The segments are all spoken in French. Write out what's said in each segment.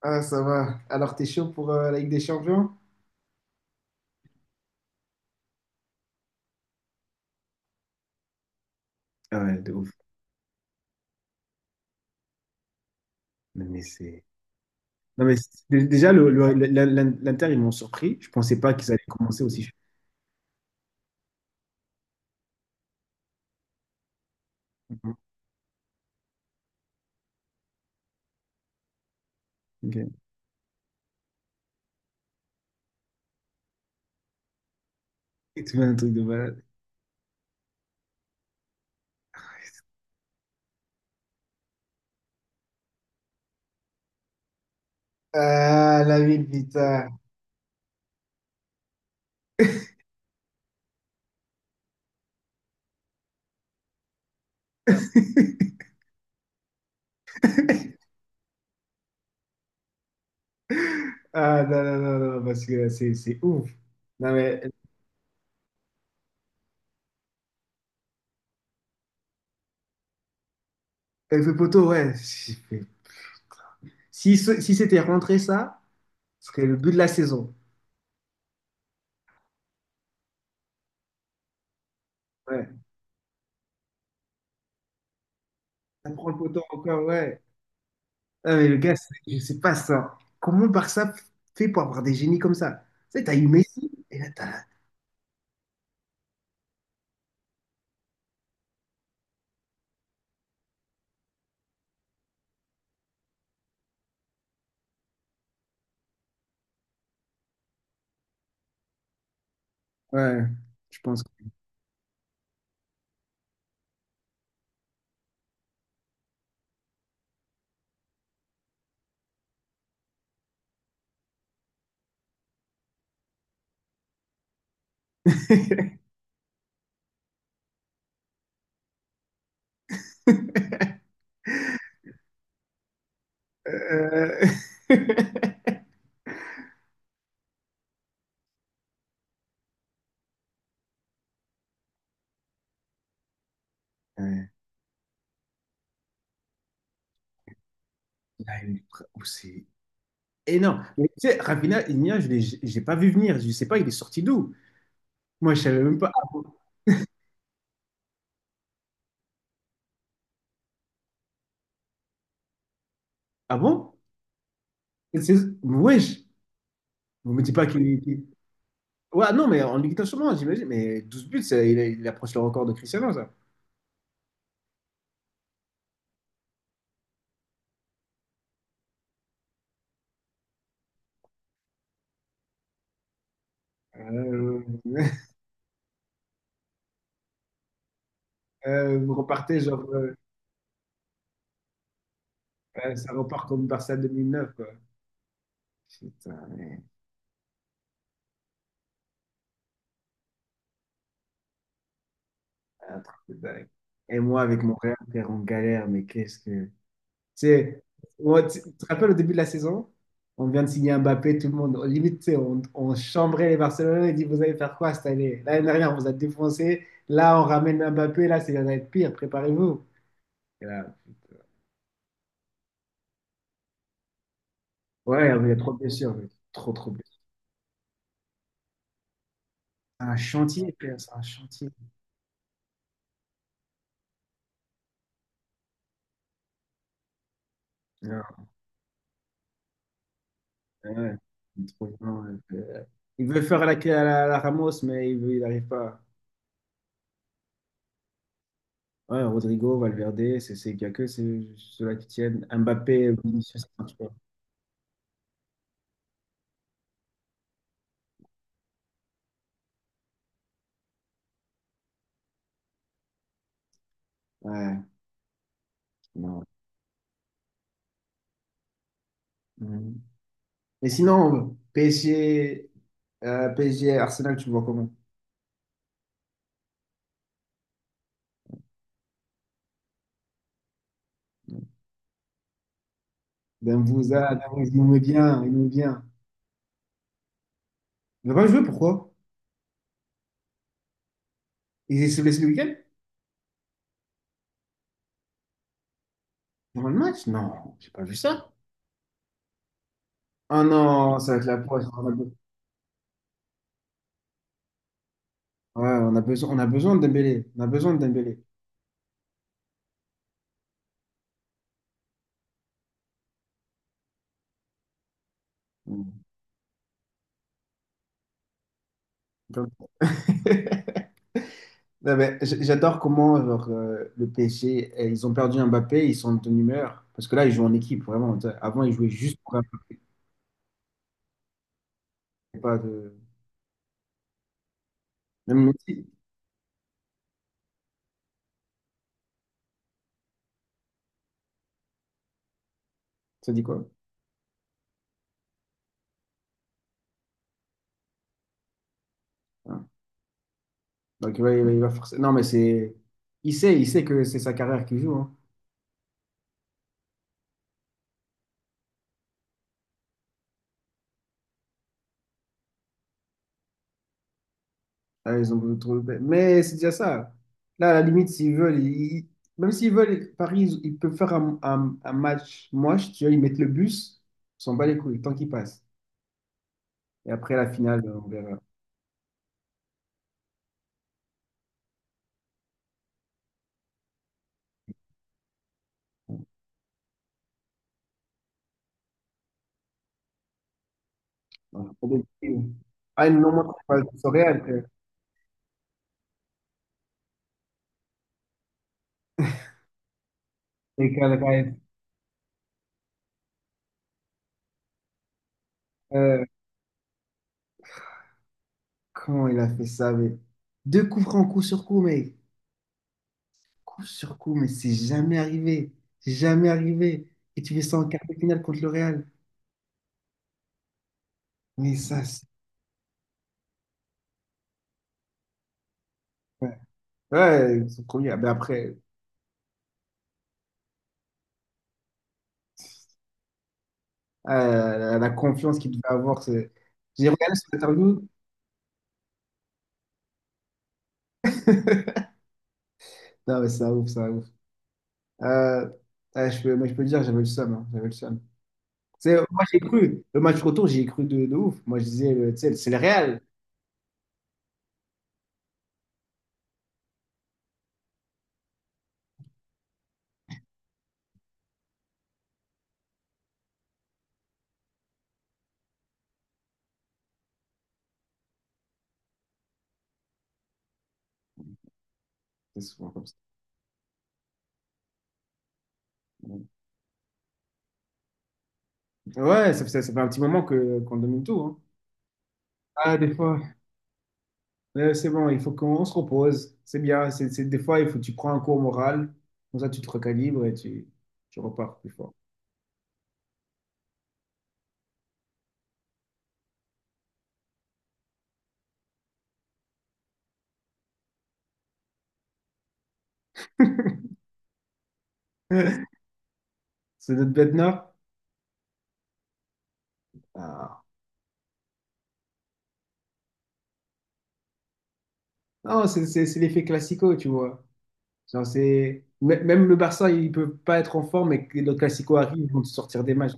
Ah, ça va. Alors, t'es chaud pour la Ligue des Champions? Ah ouais, de ouf. Non, mais c'est... Non, mais déjà, l'Inter, ils m'ont surpris. Je pensais pas qu'ils allaient commencer aussi chaud. Ok. Et tu fais un truc de malade. Ah, la ville, putain. Ah, non, non, non, non, parce que c'est ouf. Non, mais avec le poteau, ouais. Si, si c'était rentré ça, ce serait le but de la saison. Ouais. Ça prend le poteau encore, ouais. Ah, mais le gars, je sais pas ça. Comment Barça fait pour avoir des génies comme ça? Tu sais, t'as eu Messi et là t'as. Ouais, je pense. Euh... Ouais. Là, oh, c'est énorme. Mais tu sais, Rafinha, Iñigo, je l'ai j'ai pas vu venir. Je sais pas, il est sorti d'où? Moi, je savais même pas. Ah bon? Ah bon? Wesh! Vous me dites pas qu'il. Ouais, non, mais en Ligue 1 sûrement, j'imagine. Mais 12 buts, ça, il approche le record de Cristiano, ça. Euh, vous repartez genre. Ouais, ça repart comme Barça 2009, quoi. Putain, mais un truc de dingue. Et moi, avec mon frère, frère, on galère, mais qu'est-ce que... Tu sais, moi, tu te rappelles au début de la saison, on vient de signer Mbappé, tout le monde, limite, tu sais, on chambrait les Barcelonais, on dit, vous allez faire quoi cette année? L'année dernière, on vous a défoncé, là, on ramène Mbappé, là, ça va être pire, préparez-vous. Et là, ouais, il y a trop de blessures, mec. Trop, trop de blessures. C'est un chantier, frère, c'est un chantier. Ouais, il est trop fort, ouais. Il veut faire la Ramos, mais il veut, il n'arrive pas. Ouais, Rodrigo, Valverde, il n'y a que ceux-là qui tiennent. Mbappé, Vinicius, ça marche pas. Ouais, non. Mhm. Et sinon, PSG, PSG, Arsenal, tu le vois comment? Demvouza, Demvouza, il nous met bien, il nous met bien. Il va pas jouer, pourquoi? Il se blesse le week-end? Dans le match? Non, j'ai pas vu ça. Ah non, ça va être la poisse. Ouais, on a besoin de Dembélé. On a besoin de Dembélé. Mhm. Ouais, mais J'adore comment genre, le PSG, eh, ils ont perdu Mbappé, ils sont de bonne humeur. Parce que là, ils jouent en équipe, vraiment. Tu sais, avant, ils jouaient juste pour Mbappé. C'est pas de... Même Messi, ça dit quoi? Hein. Non, mais c'est... Il sait que c'est sa carrière qui joue. Hein. Là, ils ont voulu trouver- Mais c'est déjà ça. Là, à la limite, s'ils veulent, même s'ils veulent, Paris, ils peuvent faire un, un match moche. Tu vois, ils mettent le bus, ils s'en bat les couilles, tant qu'ils passent. Et après, la finale, on verra. Productive. Ah, Productivo. Ay, no me acuerdo eso real, que caer. Comment il a fait ça, mais deux coups francs, coup sur coup, mais coup sur coup, mais c'est jamais arrivé. C'est jamais arrivé. Et tu fais ça en quart de finale contre le Real. Mais ça, c'est- ouais, son premier. Ah, ben après, ah, la, confiance qu'il devait avoir. C'est- J'ai regardé son interview. Non, mais c'est un ouf, c'est un ouf. Euh, ah, je peux, mais je peux te dire, j'avais le seum. Hein, j'avais le seum. Tu sais, moi, j'ai cru. Le match retour, j'ai cru de ouf. Moi, je disais, tu sais, c'est le Real. C'est souvent comme ça. Ouais, ça fait un petit moment que qu'on domine tout. Hein. Ah, des fois, c'est bon, il faut qu'on se repose. C'est bien. Des fois, il faut tu prends un cours moral. Comme ça, tu, te recalibres et tu repars plus fort. C'est notre bête nord? Ah. Non, c'est l'effet classico, tu vois. Genre, Même le Barça, il peut pas être en forme et que le classico arrive, ils vont te sortir des matchs.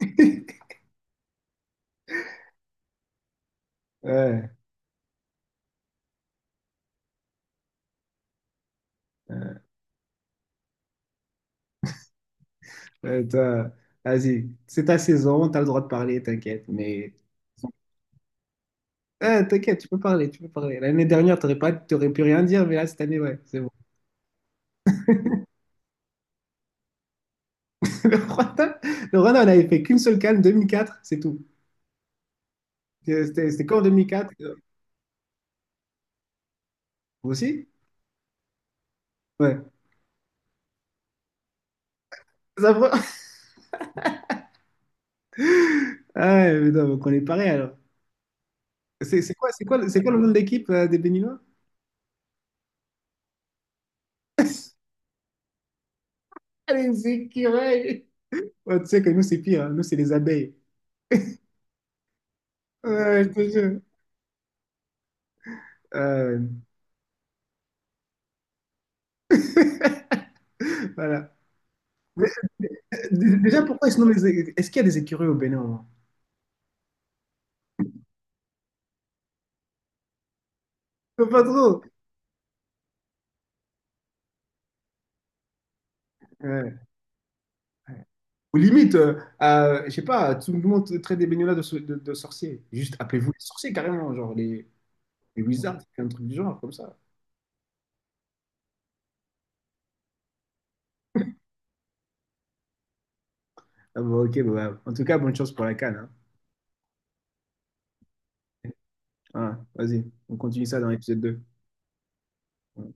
Ouais, ouais, toi, vas-y. C'est ta saison, t'as le droit de parler, t'inquiète. Mais ah, t'inquiète, tu peux parler, tu peux parler. L'année dernière, t'aurais pu rien dire, mais là, cette année, ouais, c'est bon. Le Rwanda, le Rwanda, on avait fait qu'une seule CAN, 2004, c'est tout. C'était qu'en 2004. Vous aussi? Ouais. Ça va. Ah, ouais, mais non, donc on est pareil, alors. C'est quoi le nom de l'équipe des Béninois? Ah, les écureuils. Ouais, tu sais que nous, c'est pire, hein. Nous, c'est les abeilles. Ouais, je te jure. Euh, voilà. Mais, déjà, pourquoi ils se nomment est-ce qu'il y a des écureuils au Bénin, au moins? Pas trop. Ou limite, je sais pas, tout le monde traite des baignolas de sorciers. Juste appelez-vous les sorciers carrément, genre les wizards, un truc du genre, comme ça. Ah bon, ok, bon, ouais. En tout cas, bonne chance pour la canne. Hein. Ah, vas-y, on continue ça dans l'épisode 2.